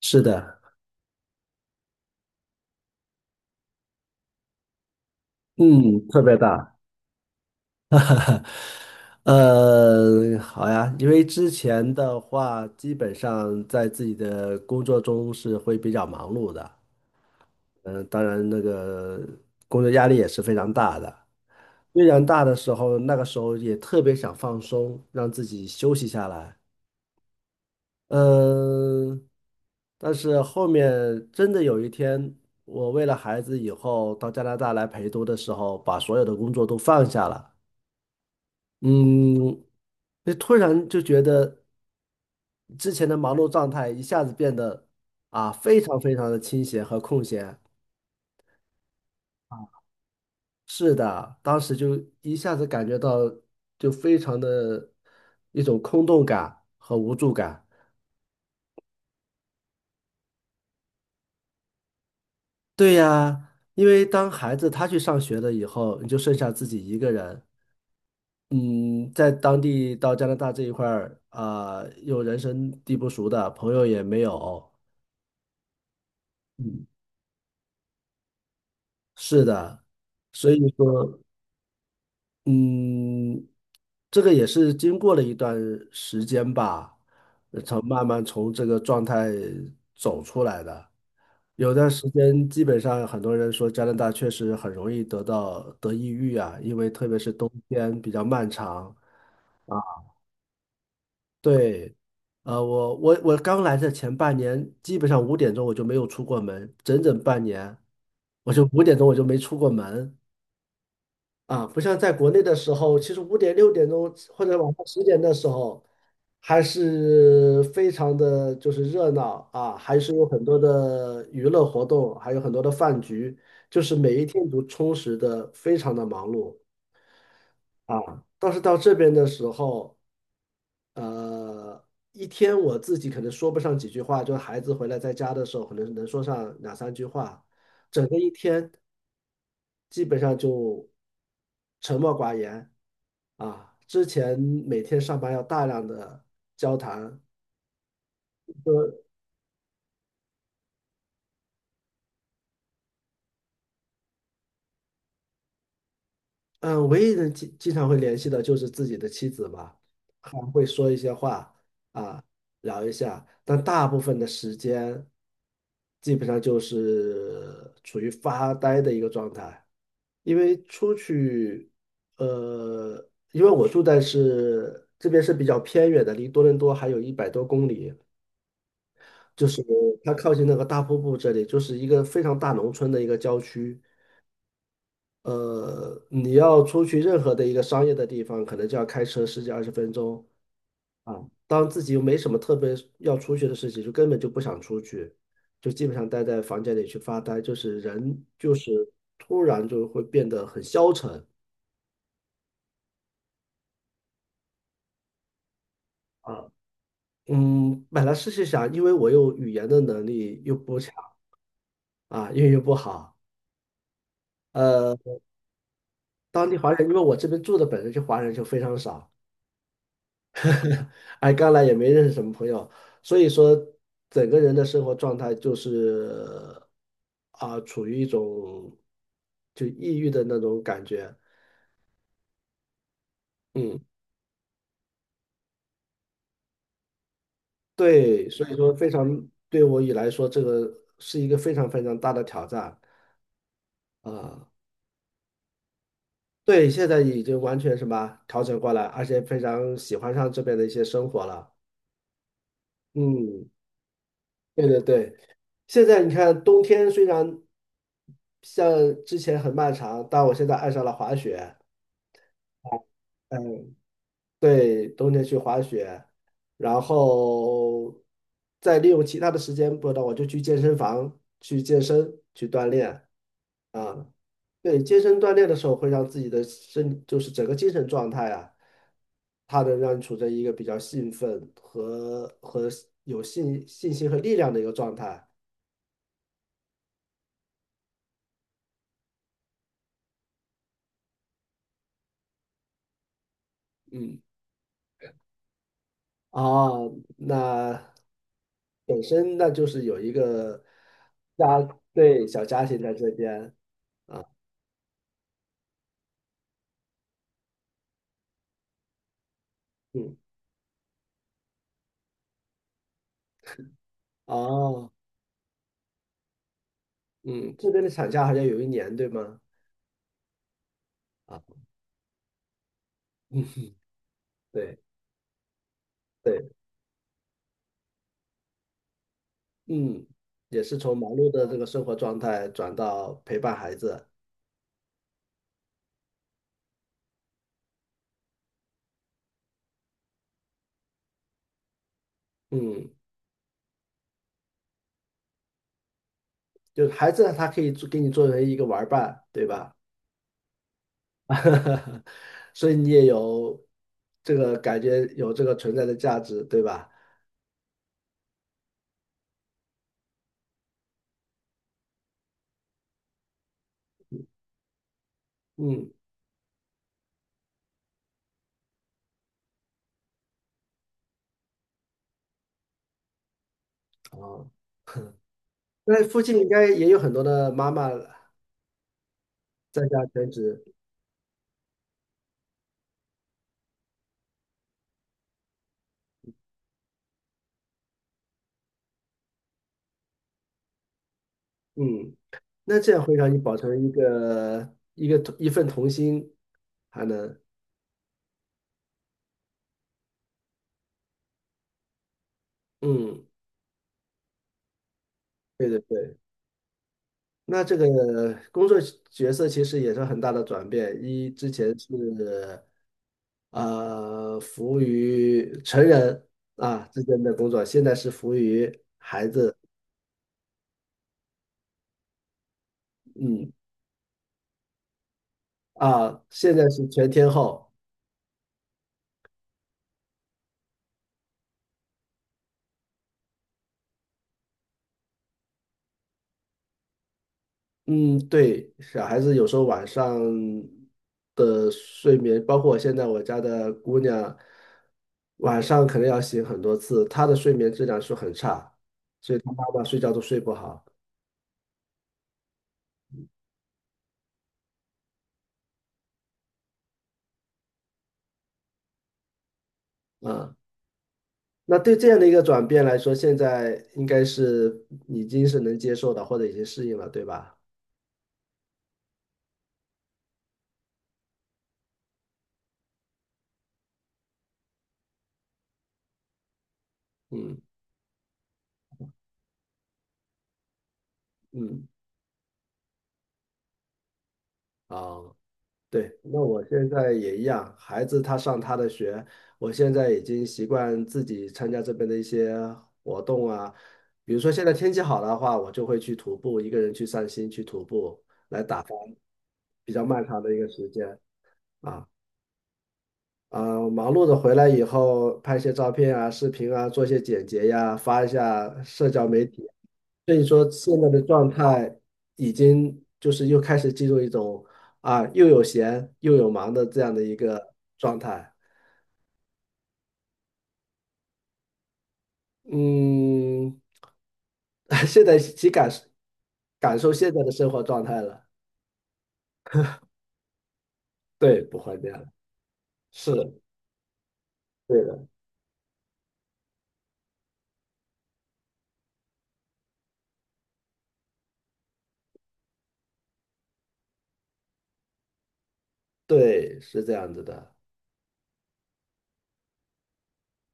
是的，嗯，特别大。好呀，因为之前的话，基本上在自己的工作中是会比较忙碌的。嗯、当然那个工作压力也是非常大的。非常大的时候，那个时候也特别想放松，让自己休息下来。嗯、但是后面真的有一天，我为了孩子以后到加拿大来陪读的时候，把所有的工作都放下了。嗯，就突然就觉得之前的忙碌状态一下子变得啊，非常非常的清闲和空闲。是的，当时就一下子感觉到就非常的一种空洞感和无助感。对呀，因为当孩子他去上学了以后，你就剩下自己一个人。嗯，在当地到加拿大这一块儿啊，又人生地不熟的，朋友也没有。嗯，是的，所以说。嗯，这个也是经过了一段时间吧，慢慢从这个状态走出来的。有段时间，基本上很多人说加拿大确实很容易得到得抑郁啊，因为特别是冬天比较漫长。啊，对，我刚来的前半年，基本上五点钟我就没有出过门，整整半年，我就五点钟我就没出过门。啊，不像在国内的时候，其实五点、六点钟或者晚上十点的时候，还是非常的就是热闹啊，还是有很多的娱乐活动，还有很多的饭局，就是每一天都充实的非常的忙碌啊。但是到这边的时候，呃，一天我自己可能说不上几句话，就孩子回来在家的时候，可能能说上两三句话，整个一天基本上就沉默寡言。啊，之前每天上班要大量的交谈，就嗯，唯一能经常会联系的就是自己的妻子吧，还会说一些话啊，聊一下，但大部分的时间基本上就是处于发呆的一个状态。因为出去，因为我住在是这边是比较偏远的，离多伦多还有一百多公里。就是它靠近那个大瀑布这里，就是一个非常大农村的一个郊区。你要出去任何的一个商业的地方，可能就要开车十几二十分钟啊。当自己又没什么特别要出去的事情，就根本就不想出去，就基本上待在房间里去发呆，就是人就是突然就会变得很消沉啊。嗯，本来是想，因为我又语言的能力又不强啊，英语又不好。呃。当地华人，因为我这边住的本身就华人就非常少，哎，刚来也没认识什么朋友，所以说整个人的生活状态就是啊，处于一种就抑郁的那种感觉。嗯，对，所以说非常对我以来说，这个是一个非常非常大的挑战啊。对，现在已经完全什么调整过来，而且非常喜欢上这边的一些生活了。嗯。对对对，现在你看，冬天虽然像之前很漫长，但我现在爱上了滑雪。嗯，对，冬天去滑雪，然后再利用其他的时间，不知道我就去健身房去健身去锻炼啊。对，健身锻炼的时候会让自己的身，就是整个精神状态啊，它能让你处在一个比较兴奋和有信心和力量的一个状态。嗯。哦，那本身那就是有一个家，对，小家庭在这边啊。嗯，哦，嗯，这边的产假好像有一年，对吗？啊，对对，嗯，也是从忙碌的这个生活状态转到陪伴孩子。嗯，就是孩子他可以做给你作为一个玩儿伴，对吧？所以你也有这个感觉，有这个存在的价值，对吧？嗯，哦。那附近应该也有很多的妈妈在家全职。嗯，那这样会让你保存一份童心，还能。嗯，对对对，那这个工作角色其实也是很大的转变，之前是服务于成人啊之间的工作，现在是服务于孩子。嗯现在是全天候。嗯，对，小孩子有时候晚上的睡眠，包括我现在我家的姑娘，晚上可能要醒很多次，她的睡眠质量是很差，所以她妈妈睡觉都睡不好啊。那对这样的一个转变来说，现在应该是已经是能接受的，或者已经适应了，对吧？嗯嗯，啊。对，那我现在也一样，孩子他上他的学，我现在已经习惯自己参加这边的一些活动啊，比如说现在天气好的话，我就会去徒步，一个人去散心去徒步，来打发比较漫长的一个时间啊。啊、忙碌的回来以后，拍一些照片啊、视频啊，做一些剪辑呀，发一下社交媒体。所以说，现在的状态已经就是又开始进入一种啊，又有闲又有忙的这样的一个状态。嗯，现在感受感受现在的生活状态了。对，不会这了，是，对的。对，是这样子的。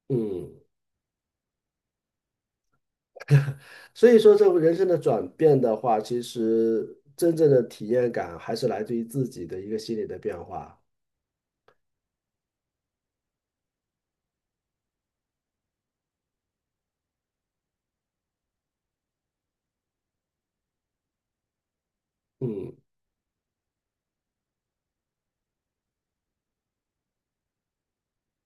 嗯。所以说，这个人生的转变的话，其实真正的体验感还是来自于自己的一个心理的变化。嗯，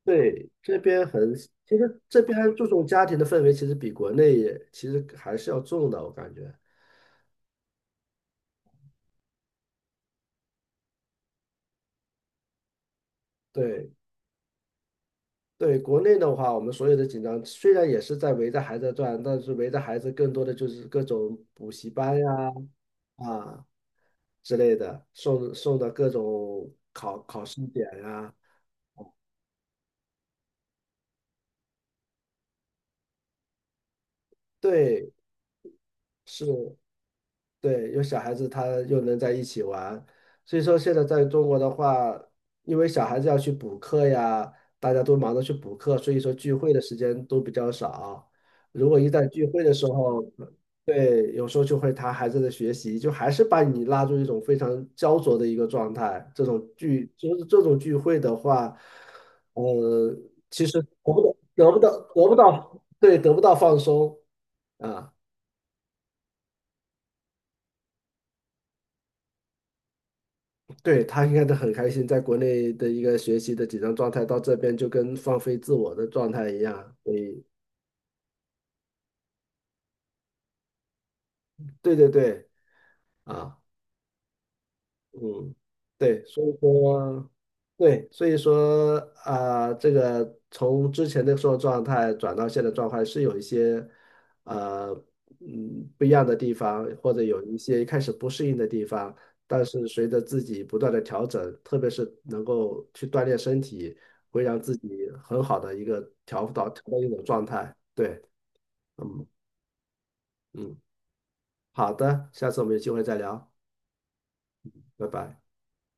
对，这边很，其实这边注重家庭的氛围，其实比国内也其实还是要重的，我感觉。对对，国内的话，我们所有的紧张虽然也是在围着孩子转，但是围着孩子更多的就是各种补习班呀啊之类的，送的各种考试点呀。对，是。对，有小孩子他又能在一起玩，所以说现在在中国的话，因为小孩子要去补课呀，大家都忙着去补课，所以说聚会的时间都比较少。如果一旦聚会的时候，对，有时候就会谈孩子的学习，就还是把你拉入一种非常焦灼的一个状态。这种聚，就是这种聚会的话，呃，其实得不到，对，得不到放松啊。对，他应该都很开心，在国内的一个学习的紧张状态，到这边就跟放飞自我的状态一样，所以对对对啊。嗯，对，所以说，对，所以说，啊、这个从之前的时候状态转到现在状态是有一些，呃，不一样的地方，或者有一些一开始不适应的地方，但是随着自己不断的调整，特别是能够去锻炼身体，会让自己很好的一个调到一种状态。对，嗯嗯，好的，下次我们有机会再聊，拜拜。